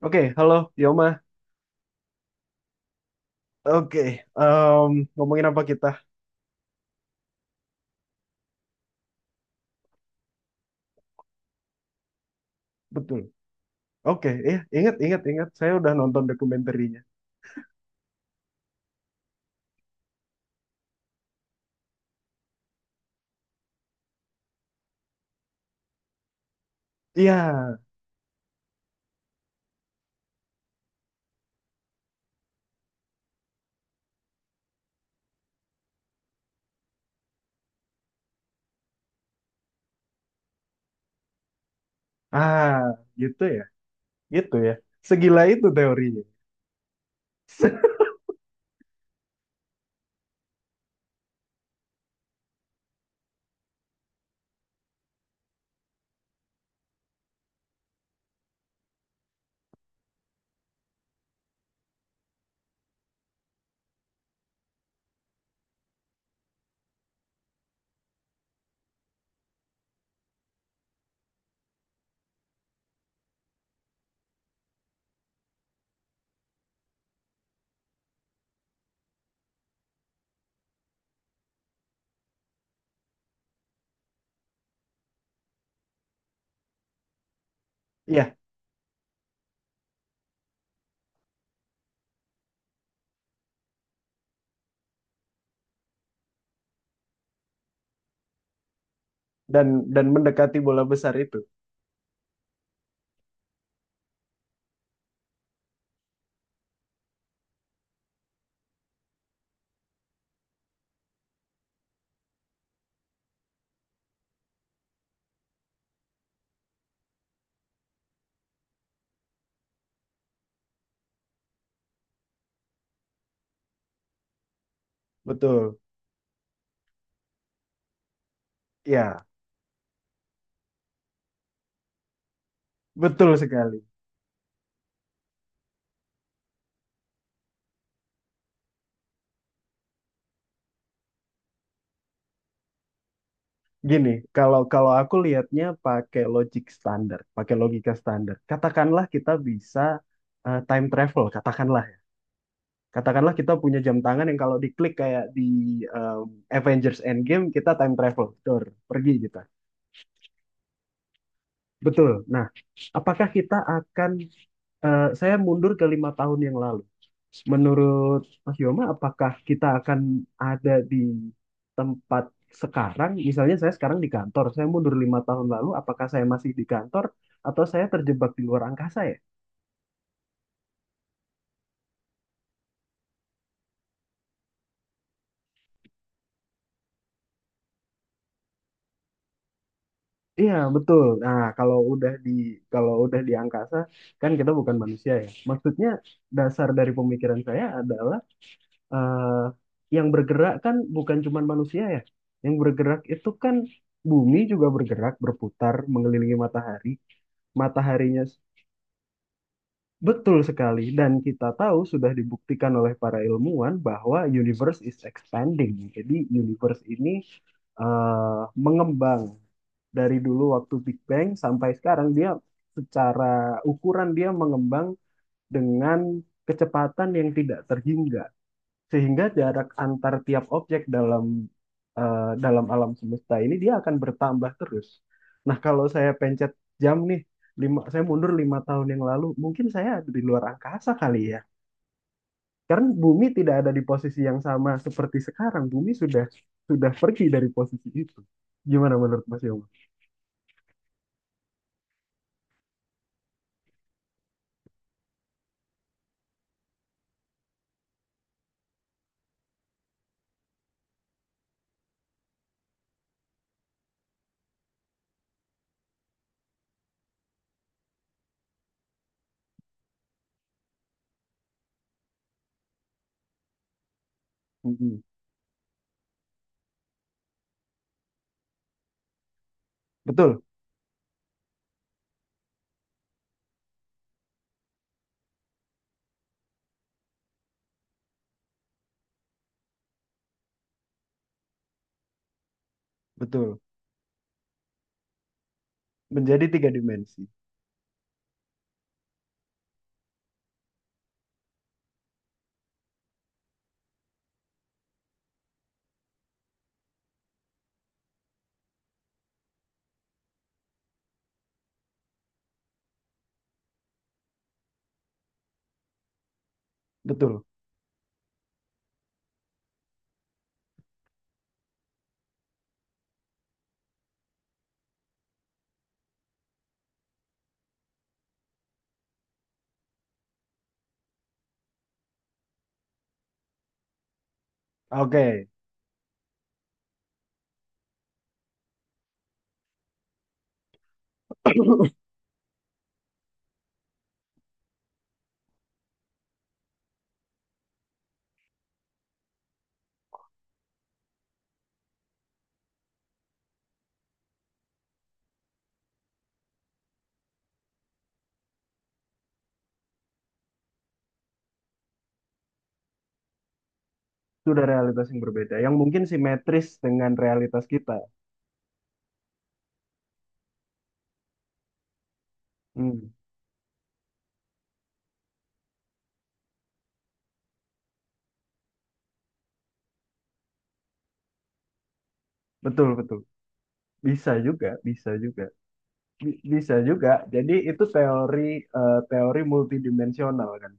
Oke, halo Yoma. Oke, ngomongin apa kita? Betul. Oke, iya, ingat, ingat, ingat. Saya udah nonton dokumenterinya. Iya, ah, gitu ya, gitu ya. Segila itu teorinya. Iya, dan dan mendekati bola besar itu. Betul. Ya, betul sekali. Gini, kalau kalau aku lihatnya pakai logik standar, pakai logika standar. Katakanlah kita bisa time travel, katakanlah. Katakanlah kita punya jam tangan yang kalau diklik kayak di um, Avengers Endgame kita time travel, tur, pergi kita. Betul. Nah, apakah kita akan saya mundur ke 5 tahun yang lalu. Menurut Mas Yoma, apakah kita akan ada di tempat sekarang? Misalnya saya sekarang di kantor, saya mundur 5 tahun lalu, apakah saya masih di kantor atau saya terjebak di luar angkasa ya? Iya betul. Nah kalau udah di angkasa kan kita bukan manusia ya. Maksudnya dasar dari pemikiran saya adalah eh, yang bergerak kan bukan cuma manusia ya. Yang bergerak itu kan bumi juga bergerak berputar mengelilingi matahari. Mataharinya. Betul sekali dan kita tahu sudah dibuktikan oleh para ilmuwan bahwa universe is expanding. Jadi universe ini mengembang dari dulu waktu Big Bang sampai sekarang dia secara ukuran dia mengembang dengan kecepatan yang tidak terhingga sehingga jarak antar tiap objek dalam alam semesta ini dia akan bertambah terus. Nah, kalau saya pencet jam nih, lima, saya mundur 5 tahun yang lalu, mungkin saya ada di luar angkasa kali ya. Karena bumi tidak ada di posisi yang sama seperti sekarang. Bumi sudah pergi dari posisi itu. Gimana menurut Mas Yoma? Mm-mm. Betul, betul. Menjadi tiga dimensi. Betul. Oke, sudah realitas yang berbeda. Yang mungkin simetris dengan realitas kita. Hmm, betul, betul. Bisa juga, bisa juga. Bisa juga. Jadi itu teori teori multidimensional kan.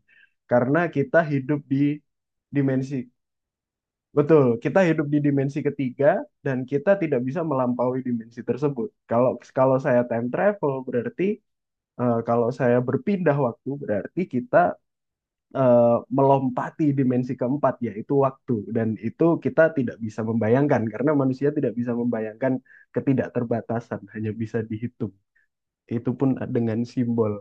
Karena kita hidup di dimensi. Betul, kita hidup di dimensi ketiga dan kita tidak bisa melampaui dimensi tersebut. Kalau kalau saya time travel berarti kalau saya berpindah waktu berarti kita eh, melompati dimensi keempat yaitu waktu dan itu kita tidak bisa membayangkan karena manusia tidak bisa membayangkan ketidakterbatasan hanya bisa dihitung itu pun dengan simbol.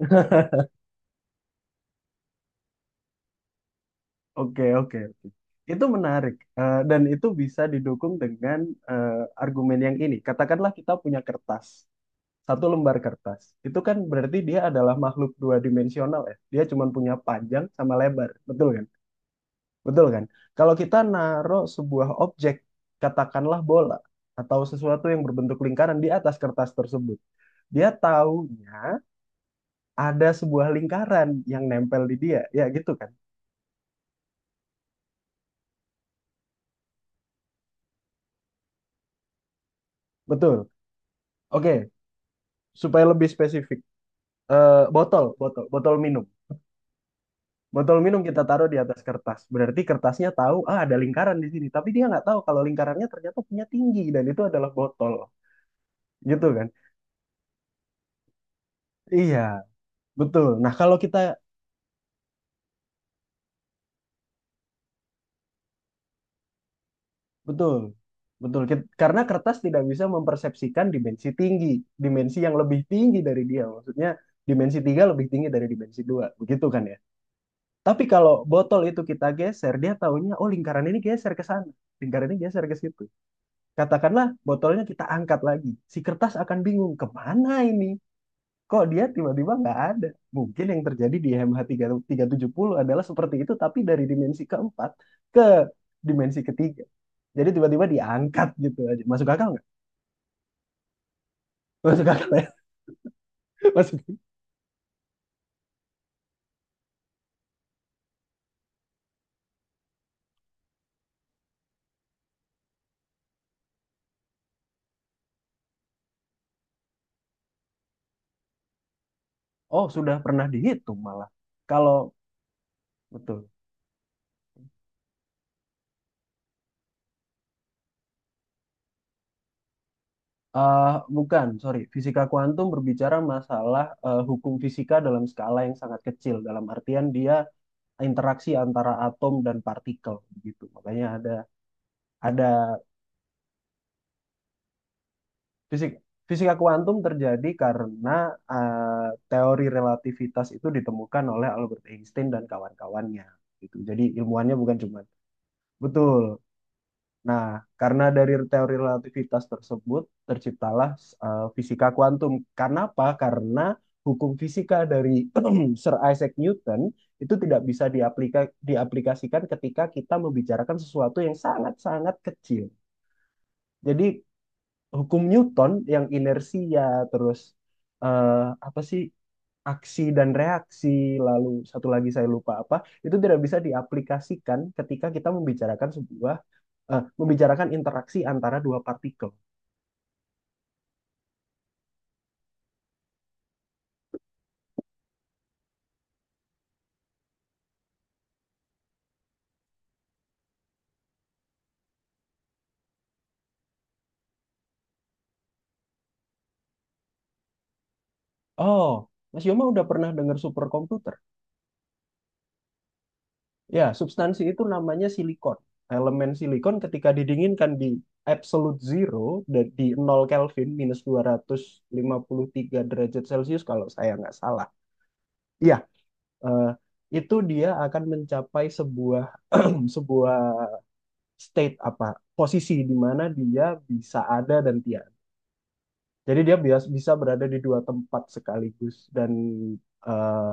Oke, oke. Itu menarik. Dan itu bisa didukung dengan eh, argumen yang ini. Katakanlah kita punya kertas, satu lembar kertas. Itu kan berarti dia adalah makhluk dua dimensional ya. Dia cuma punya panjang sama lebar, betul kan? Betul kan? Kalau kita naruh sebuah objek, katakanlah bola atau sesuatu yang berbentuk lingkaran di atas kertas tersebut, dia taunya ada sebuah lingkaran yang nempel di dia, ya gitu kan? Betul. Oke, supaya lebih spesifik, botol minum. Botol minum kita taruh di atas kertas. Berarti kertasnya tahu, ah ada lingkaran di sini. Tapi dia nggak tahu kalau lingkarannya ternyata punya tinggi dan itu adalah botol. Gitu kan? Iya, betul. Nah, kalau kita. Betul, betul. Karena kertas tidak bisa mempersepsikan dimensi tinggi, dimensi yang lebih tinggi dari dia. Maksudnya dimensi tiga lebih tinggi dari dimensi dua, begitu kan ya? Tapi kalau botol itu kita geser, dia taunya, oh lingkaran ini geser ke sana, lingkaran ini geser ke situ. Katakanlah botolnya kita angkat lagi, si kertas akan bingung kemana ini? Kok dia tiba-tiba nggak ada? Mungkin yang terjadi di MH puluh adalah seperti itu, tapi dari dimensi keempat ke dimensi ketiga. Jadi tiba-tiba diangkat gitu aja. Masuk akal nggak? Masuk akal ya? Masuk. Oh, sudah pernah dihitung malah. Kalau betul. Eh bukan, sorry. Fisika kuantum berbicara masalah hukum fisika dalam skala yang sangat kecil. Dalam artian dia interaksi antara atom dan partikel begitu. Makanya ada fisik fisika kuantum terjadi karena teori relativitas itu ditemukan oleh Albert Einstein dan kawan-kawannya gitu. Jadi ilmuannya bukan cuma betul. Nah, karena dari teori relativitas tersebut terciptalah fisika kuantum. Kenapa? Karena hukum fisika dari Sir Isaac Newton itu tidak bisa diaplikasikan ketika kita membicarakan sesuatu yang sangat-sangat kecil. Jadi hukum Newton yang inersia terus eh, apa sih aksi dan reaksi lalu satu lagi saya lupa apa itu tidak bisa diaplikasikan ketika kita membicarakan membicarakan interaksi antara dua partikel. Oh, Mas Yoma udah pernah dengar superkomputer? Ya, substansi itu namanya silikon. Elemen silikon ketika didinginkan di absolute zero, dan di 0 Kelvin, minus 253 derajat Celcius kalau saya nggak salah. Ya, eh, itu dia akan mencapai sebuah sebuah state apa posisi di mana dia bisa ada dan tiada. Jadi dia bisa berada di dua tempat sekaligus dan eh,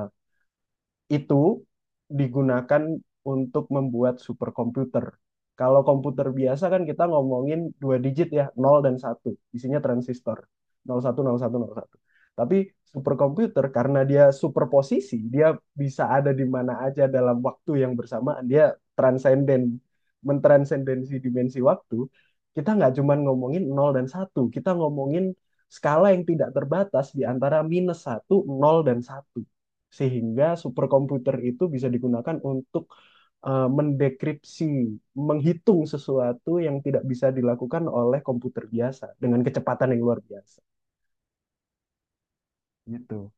itu digunakan untuk membuat superkomputer. Kalau komputer biasa kan kita ngomongin dua digit ya, nol dan satu. Isinya transistor. Nol nol satu nol satu nol satu. Tapi superkomputer karena dia superposisi, dia bisa ada di mana aja dalam waktu yang bersamaan. Dia transenden, mentransendensi dimensi waktu. Kita nggak cuma ngomongin nol dan satu. Kita ngomongin skala yang tidak terbatas di antara minus satu nol dan satu sehingga superkomputer itu bisa digunakan untuk mendekripsi, menghitung sesuatu yang tidak bisa dilakukan oleh komputer biasa dengan kecepatan yang luar biasa. Gitu.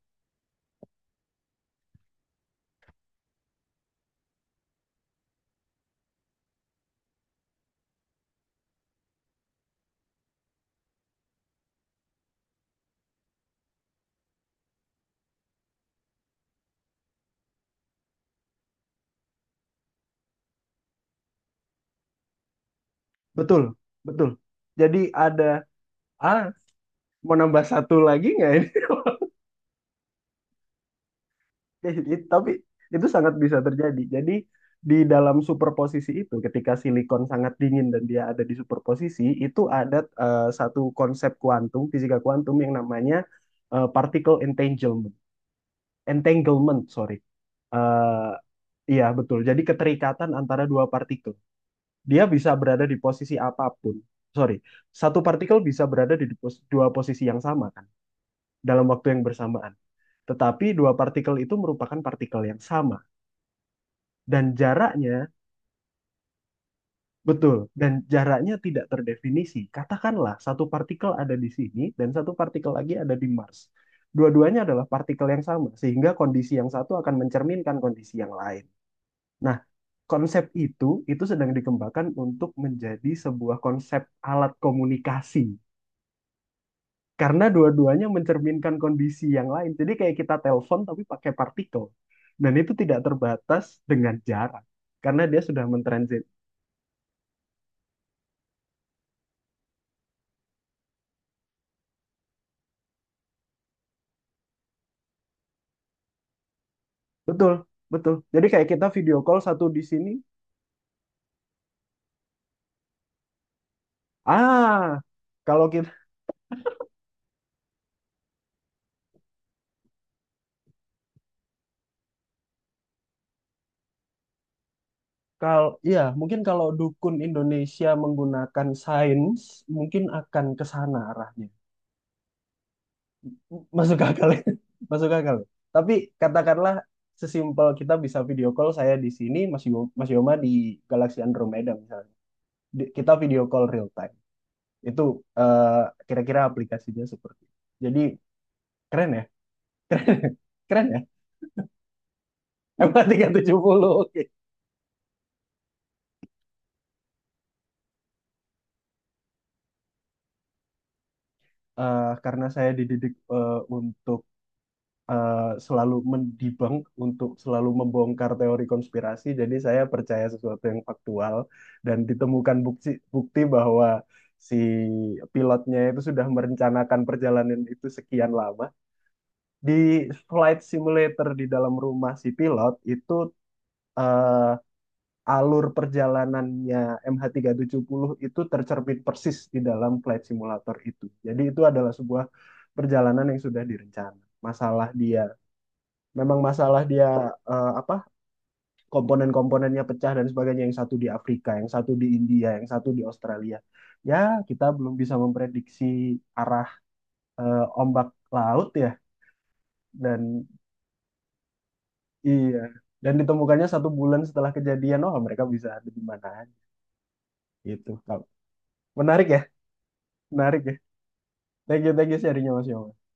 Betul, betul. Jadi ada, ah, mau nambah satu lagi nggak ini? Tapi itu sangat bisa terjadi. Jadi di dalam superposisi itu, ketika silikon sangat dingin dan dia ada di superposisi, itu ada satu konsep kuantum, fisika kuantum yang namanya particle entanglement. Entanglement, sorry. Eh, iya, betul. Jadi keterikatan antara dua partikel. Dia bisa berada di posisi apapun. Sorry, satu partikel bisa berada di dua posisi yang sama kan, dalam waktu yang bersamaan. Tetapi dua partikel itu merupakan partikel yang sama. Dan jaraknya, betul, dan jaraknya tidak terdefinisi. Katakanlah satu partikel ada di sini dan satu partikel lagi ada di Mars. Dua-duanya adalah partikel yang sama, sehingga kondisi yang satu akan mencerminkan kondisi yang lain. Nah, konsep itu sedang dikembangkan untuk menjadi sebuah konsep alat komunikasi karena dua-duanya mencerminkan kondisi yang lain. Jadi kayak kita telepon tapi pakai partikel dan itu tidak terbatas dengan jarak karena dia sudah mentransit. Betul, betul. Jadi kayak kita video call satu di sini. Ah, kalau kita kalau ya mungkin kalau dukun Indonesia menggunakan sains mungkin akan ke sana arahnya. Masuk akal ya. Masuk akal tapi katakanlah sesimpel kita bisa video call saya di sini Mas Yoma di Galaxy Andromeda misalnya. Kita video call real time itu eh, kira-kira aplikasinya seperti itu. Jadi keren ya keren ya. M370 oke. Karena saya dididik untuk eh, selalu mendebunk untuk selalu membongkar teori konspirasi. Jadi saya percaya sesuatu yang faktual dan ditemukan bukti bukti bahwa si pilotnya itu sudah merencanakan perjalanan itu sekian lama. Di flight simulator di dalam rumah si pilot itu eh, alur perjalanannya MH370 itu tercermin persis di dalam flight simulator itu. Jadi itu adalah sebuah perjalanan yang sudah direncana. Masalah dia memang masalah dia apa komponen-komponennya pecah dan sebagainya, yang satu di Afrika yang satu di India yang satu di Australia, ya kita belum bisa memprediksi arah ombak laut ya. Dan iya, dan ditemukannya satu bulan setelah kejadian, oh mereka bisa ada di mana gitu. Menarik ya menarik ya. Thank you thank you sharingnya Mas Yoma.